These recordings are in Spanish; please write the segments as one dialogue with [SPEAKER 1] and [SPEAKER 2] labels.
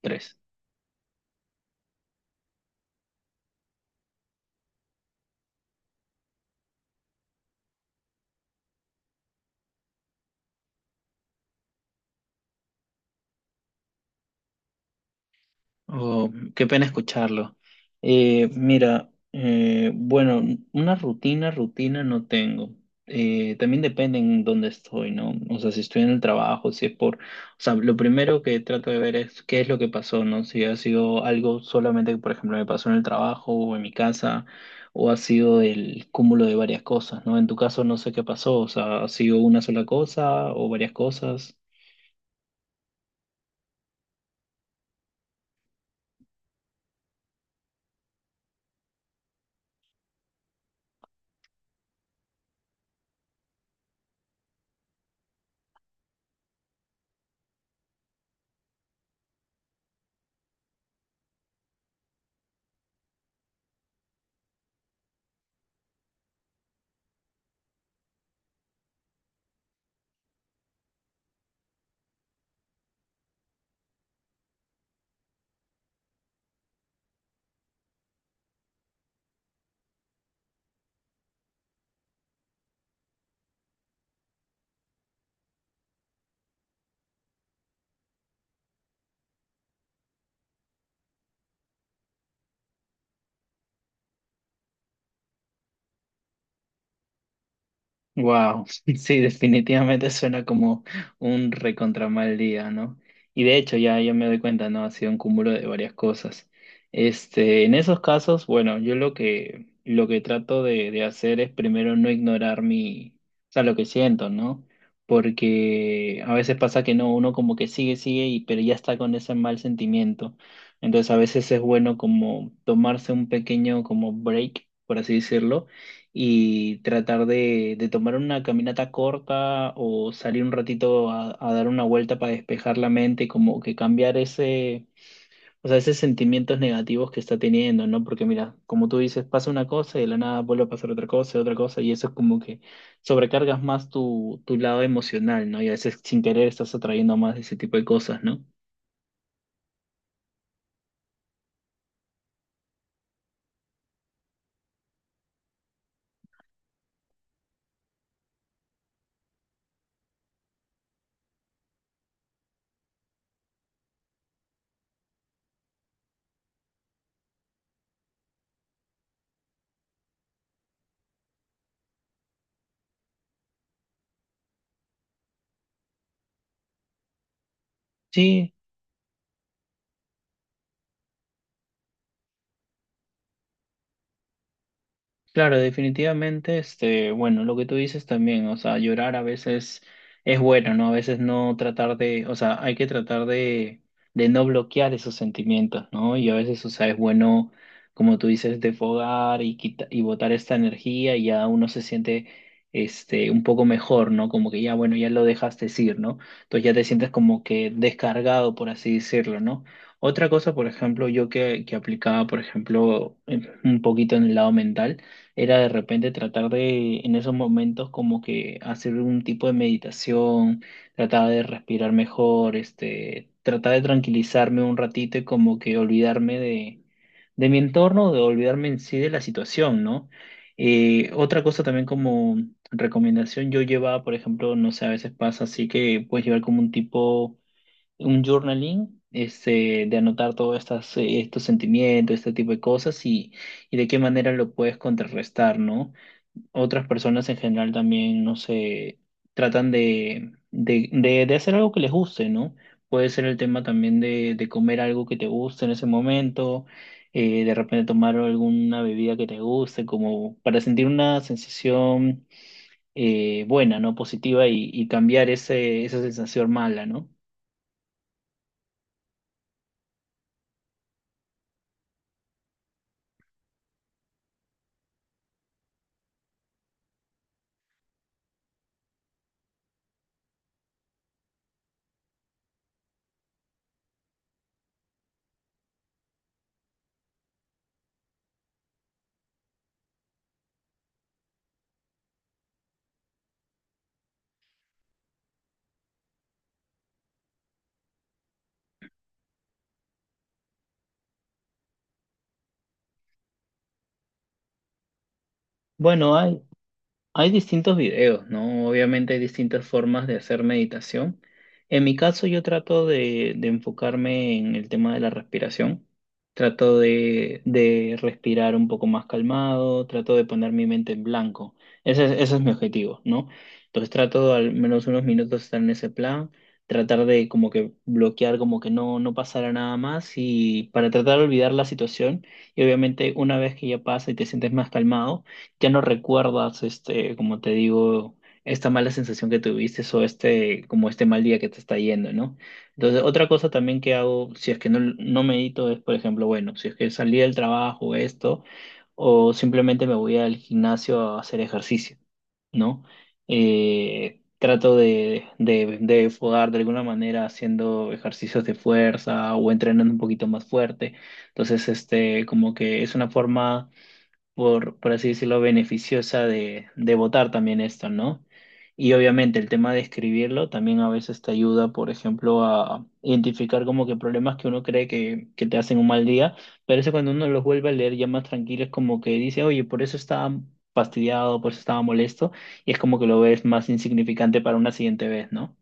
[SPEAKER 1] Tres. Oh, qué pena escucharlo. Mira, una rutina no tengo. También depende en dónde estoy, ¿no? O sea, si estoy en el trabajo, si es por... O sea, lo primero que trato de ver es qué es lo que pasó, ¿no? Si ha sido algo solamente que, por ejemplo, me pasó en el trabajo o en mi casa, o ha sido el cúmulo de varias cosas, ¿no? En tu caso no sé qué pasó, o sea, ¿ha sido una sola cosa o varias cosas? Wow, sí, definitivamente suena como un recontra mal día, ¿no? Y de hecho ya me doy cuenta, ¿no? Ha sido un cúmulo de varias cosas. Este, en esos casos, bueno, yo lo que trato de hacer es primero no ignorar mi, o sea, lo que siento, ¿no? Porque a veces pasa que no, uno como que sigue, y, pero ya está con ese mal sentimiento. Entonces a veces es bueno como tomarse un pequeño como break, por así decirlo, y tratar de tomar una caminata corta o salir un ratito a dar una vuelta para despejar la mente, como que cambiar ese, o sea, esos sentimientos negativos que está teniendo, ¿no? Porque mira, como tú dices, pasa una cosa y de la nada vuelve a pasar otra cosa, y eso es como que sobrecargas más tu lado emocional, ¿no? Y a veces sin querer estás atrayendo más ese tipo de cosas, ¿no? Sí. Claro, definitivamente, este, bueno, lo que tú dices también, o sea, llorar a veces es bueno, ¿no? A veces no tratar de, o sea, hay que tratar de no bloquear esos sentimientos, ¿no? Y a veces, o sea, es bueno, como tú dices, defogar y botar esta energía y ya uno se siente, este, un poco mejor, ¿no? Como que ya, bueno, ya lo dejaste ir, ¿no? Entonces ya te sientes como que descargado, por así decirlo, ¿no? Otra cosa, por ejemplo, yo que aplicaba, por ejemplo, un poquito en el lado mental, era de repente tratar de, en esos momentos, como que hacer un tipo de meditación, tratar de respirar mejor, este, tratar de tranquilizarme un ratito y como que olvidarme de mi entorno, de olvidarme en sí de la situación, ¿no? Otra cosa también como recomendación, yo llevaba, por ejemplo, no sé, a veces pasa así que puedes llevar como un tipo un journaling este, de anotar todos estas, estos sentimientos, este tipo de cosas y de qué manera lo puedes contrarrestar, ¿no? Otras personas en general también, no sé, tratan de hacer algo que les guste, ¿no? Puede ser el tema también de comer algo que te guste en ese momento, de repente tomar alguna bebida que te guste, como para sentir una sensación buena, ¿no? Positiva y cambiar ese, esa sensación mala, ¿no? Bueno, hay Hay distintos videos, ¿no? Obviamente hay distintas formas de hacer meditación. En mi caso, yo trato de enfocarme en el tema de la respiración. Trato de respirar un poco más calmado, trato de poner mi mente en blanco. Ese es mi objetivo, ¿no? Entonces trato de al menos unos minutos estar en ese plan, tratar de como que bloquear, como que no pasara nada más y para tratar de olvidar la situación. Y obviamente una vez que ya pasa y te sientes más calmado, ya no recuerdas, este, como te digo, esta mala sensación que tuviste o este, como este mal día que te está yendo, ¿no? Entonces, otra cosa también que hago, si es que no medito, es, por ejemplo, bueno, si es que salí del trabajo, esto, o simplemente me voy al gimnasio a hacer ejercicio, ¿no? Trato de fogar de alguna manera haciendo ejercicios de fuerza o entrenando un poquito más fuerte. Entonces, este, como que es una forma por así decirlo, beneficiosa de votar también esto, ¿no? Y obviamente el tema de escribirlo también a veces te ayuda, por ejemplo, a identificar como que problemas que uno cree que te hacen un mal día, pero eso cuando uno los vuelve a leer ya más tranquilo es como que dice, oye, por eso estaba fastidiado, por eso estaba molesto, y es como que lo ves más insignificante para una siguiente vez, ¿no?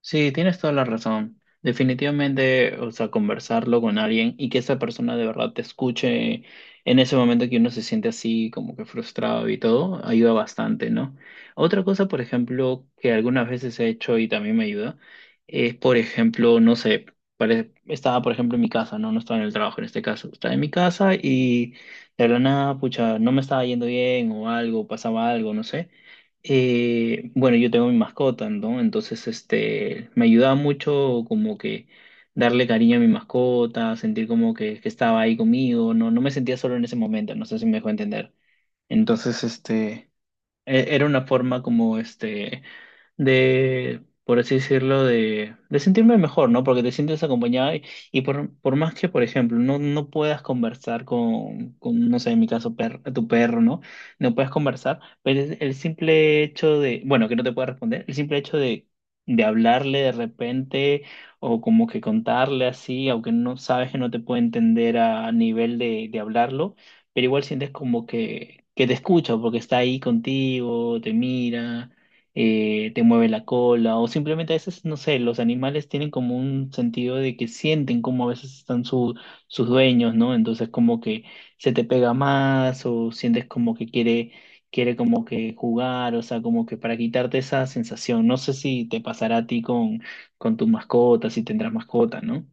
[SPEAKER 1] Sí, tienes toda la razón. Definitivamente, o sea, conversarlo con alguien y que esa persona de verdad te escuche en ese momento que uno se siente así como que frustrado y todo, ayuda bastante, ¿no? Otra cosa, por ejemplo, que algunas veces he hecho y también me ayuda, es, por ejemplo, no sé, estaba, por ejemplo, en mi casa, ¿no? No estaba en el trabajo en este caso, estaba en mi casa y de la nada, pucha, no me estaba yendo bien o algo, pasaba algo, no sé. Bueno, yo tengo mi mascota, ¿no? Entonces, este, me ayudaba mucho como que darle cariño a mi mascota, sentir como que estaba ahí conmigo, no me sentía solo en ese momento, no sé si me dejó entender. Entonces, este, era una forma como este de, por así decirlo, de sentirme mejor, ¿no? Porque te sientes acompañado y por más que, por ejemplo, no puedas conversar con, no sé, en mi caso, tu perro, ¿no? No puedes conversar, pero es el simple hecho de, bueno, que no te pueda responder, el simple hecho de hablarle de repente o como que contarle así, aunque no sabes que no te puede entender a nivel de hablarlo, pero igual sientes como que te escucha porque está ahí contigo, te mira, te mueve la cola, o simplemente a veces, no sé, los animales tienen como un sentido de que sienten como a veces están sus dueños, ¿no? Entonces como que se te pega más o sientes como que quiere como que jugar, o sea, como que para quitarte esa sensación. No sé si te pasará a ti con tu mascota, si tendrás mascota, ¿no?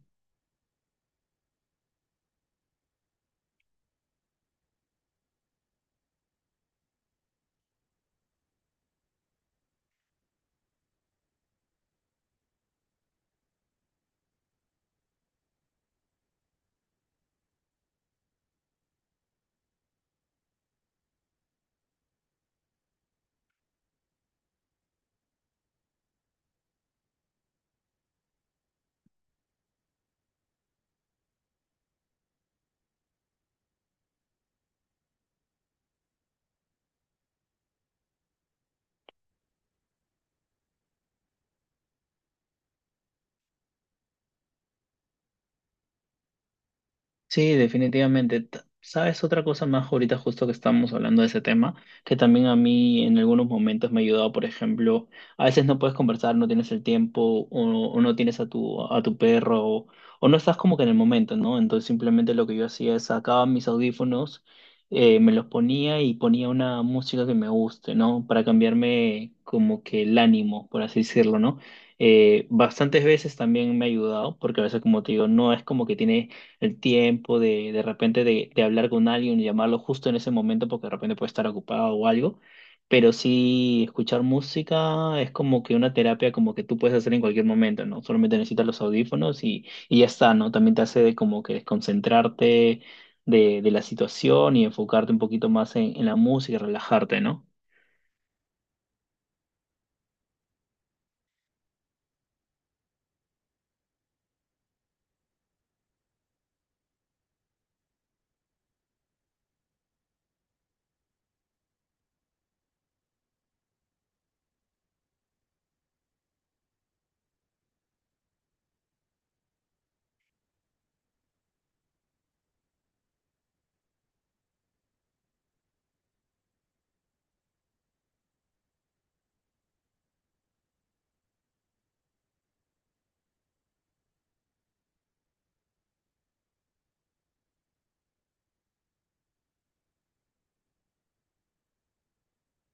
[SPEAKER 1] Sí, definitivamente. ¿Sabes otra cosa más ahorita justo que estamos hablando de ese tema? Que también a mí en algunos momentos me ha ayudado, por ejemplo, a veces no puedes conversar, no tienes el tiempo o no tienes a a tu perro o no estás como que en el momento, ¿no? Entonces simplemente lo que yo hacía es sacaba mis audífonos, me los ponía y ponía una música que me guste, ¿no? Para cambiarme como que el ánimo, por así decirlo, ¿no? Bastantes veces también me ha ayudado, porque a veces, como te digo, no es como que tiene el tiempo de repente de hablar con alguien y llamarlo justo en ese momento porque de repente puede estar ocupado o algo. Pero sí, escuchar música es como que una terapia como que tú puedes hacer en cualquier momento, ¿no? Solamente necesitas los audífonos y ya está, ¿no? También te hace de como que desconcentrarte de la situación y enfocarte un poquito más en la música y relajarte, ¿no?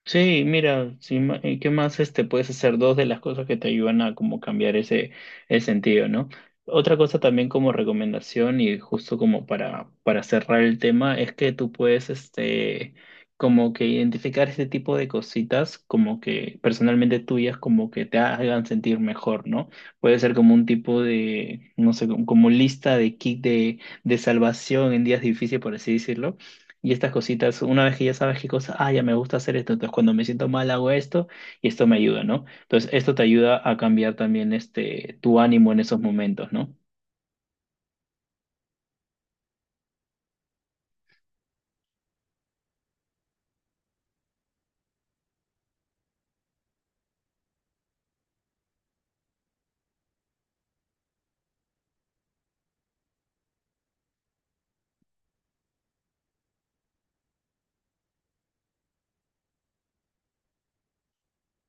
[SPEAKER 1] Sí, mira, sí, ¿qué más este, puedes hacer? Dos de las cosas que te ayudan a como cambiar ese, el sentido, ¿no? Otra cosa también como recomendación y justo como para cerrar el tema es que tú puedes este, como que identificar ese tipo de cositas como que personalmente tuyas como que te hagan sentir mejor, ¿no? Puede ser como un tipo de, no sé, como lista de kit de salvación en días difíciles, por así decirlo, y estas cositas, una vez que ya sabes qué cosas, ah, ya me gusta hacer esto, entonces cuando me siento mal hago esto y esto me ayuda, ¿no? Entonces esto te ayuda a cambiar también este, tu ánimo en esos momentos, ¿no?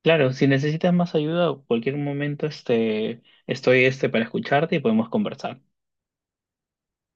[SPEAKER 1] Claro, si necesitas más ayuda o cualquier momento, este, estoy este, para escucharte y podemos conversar.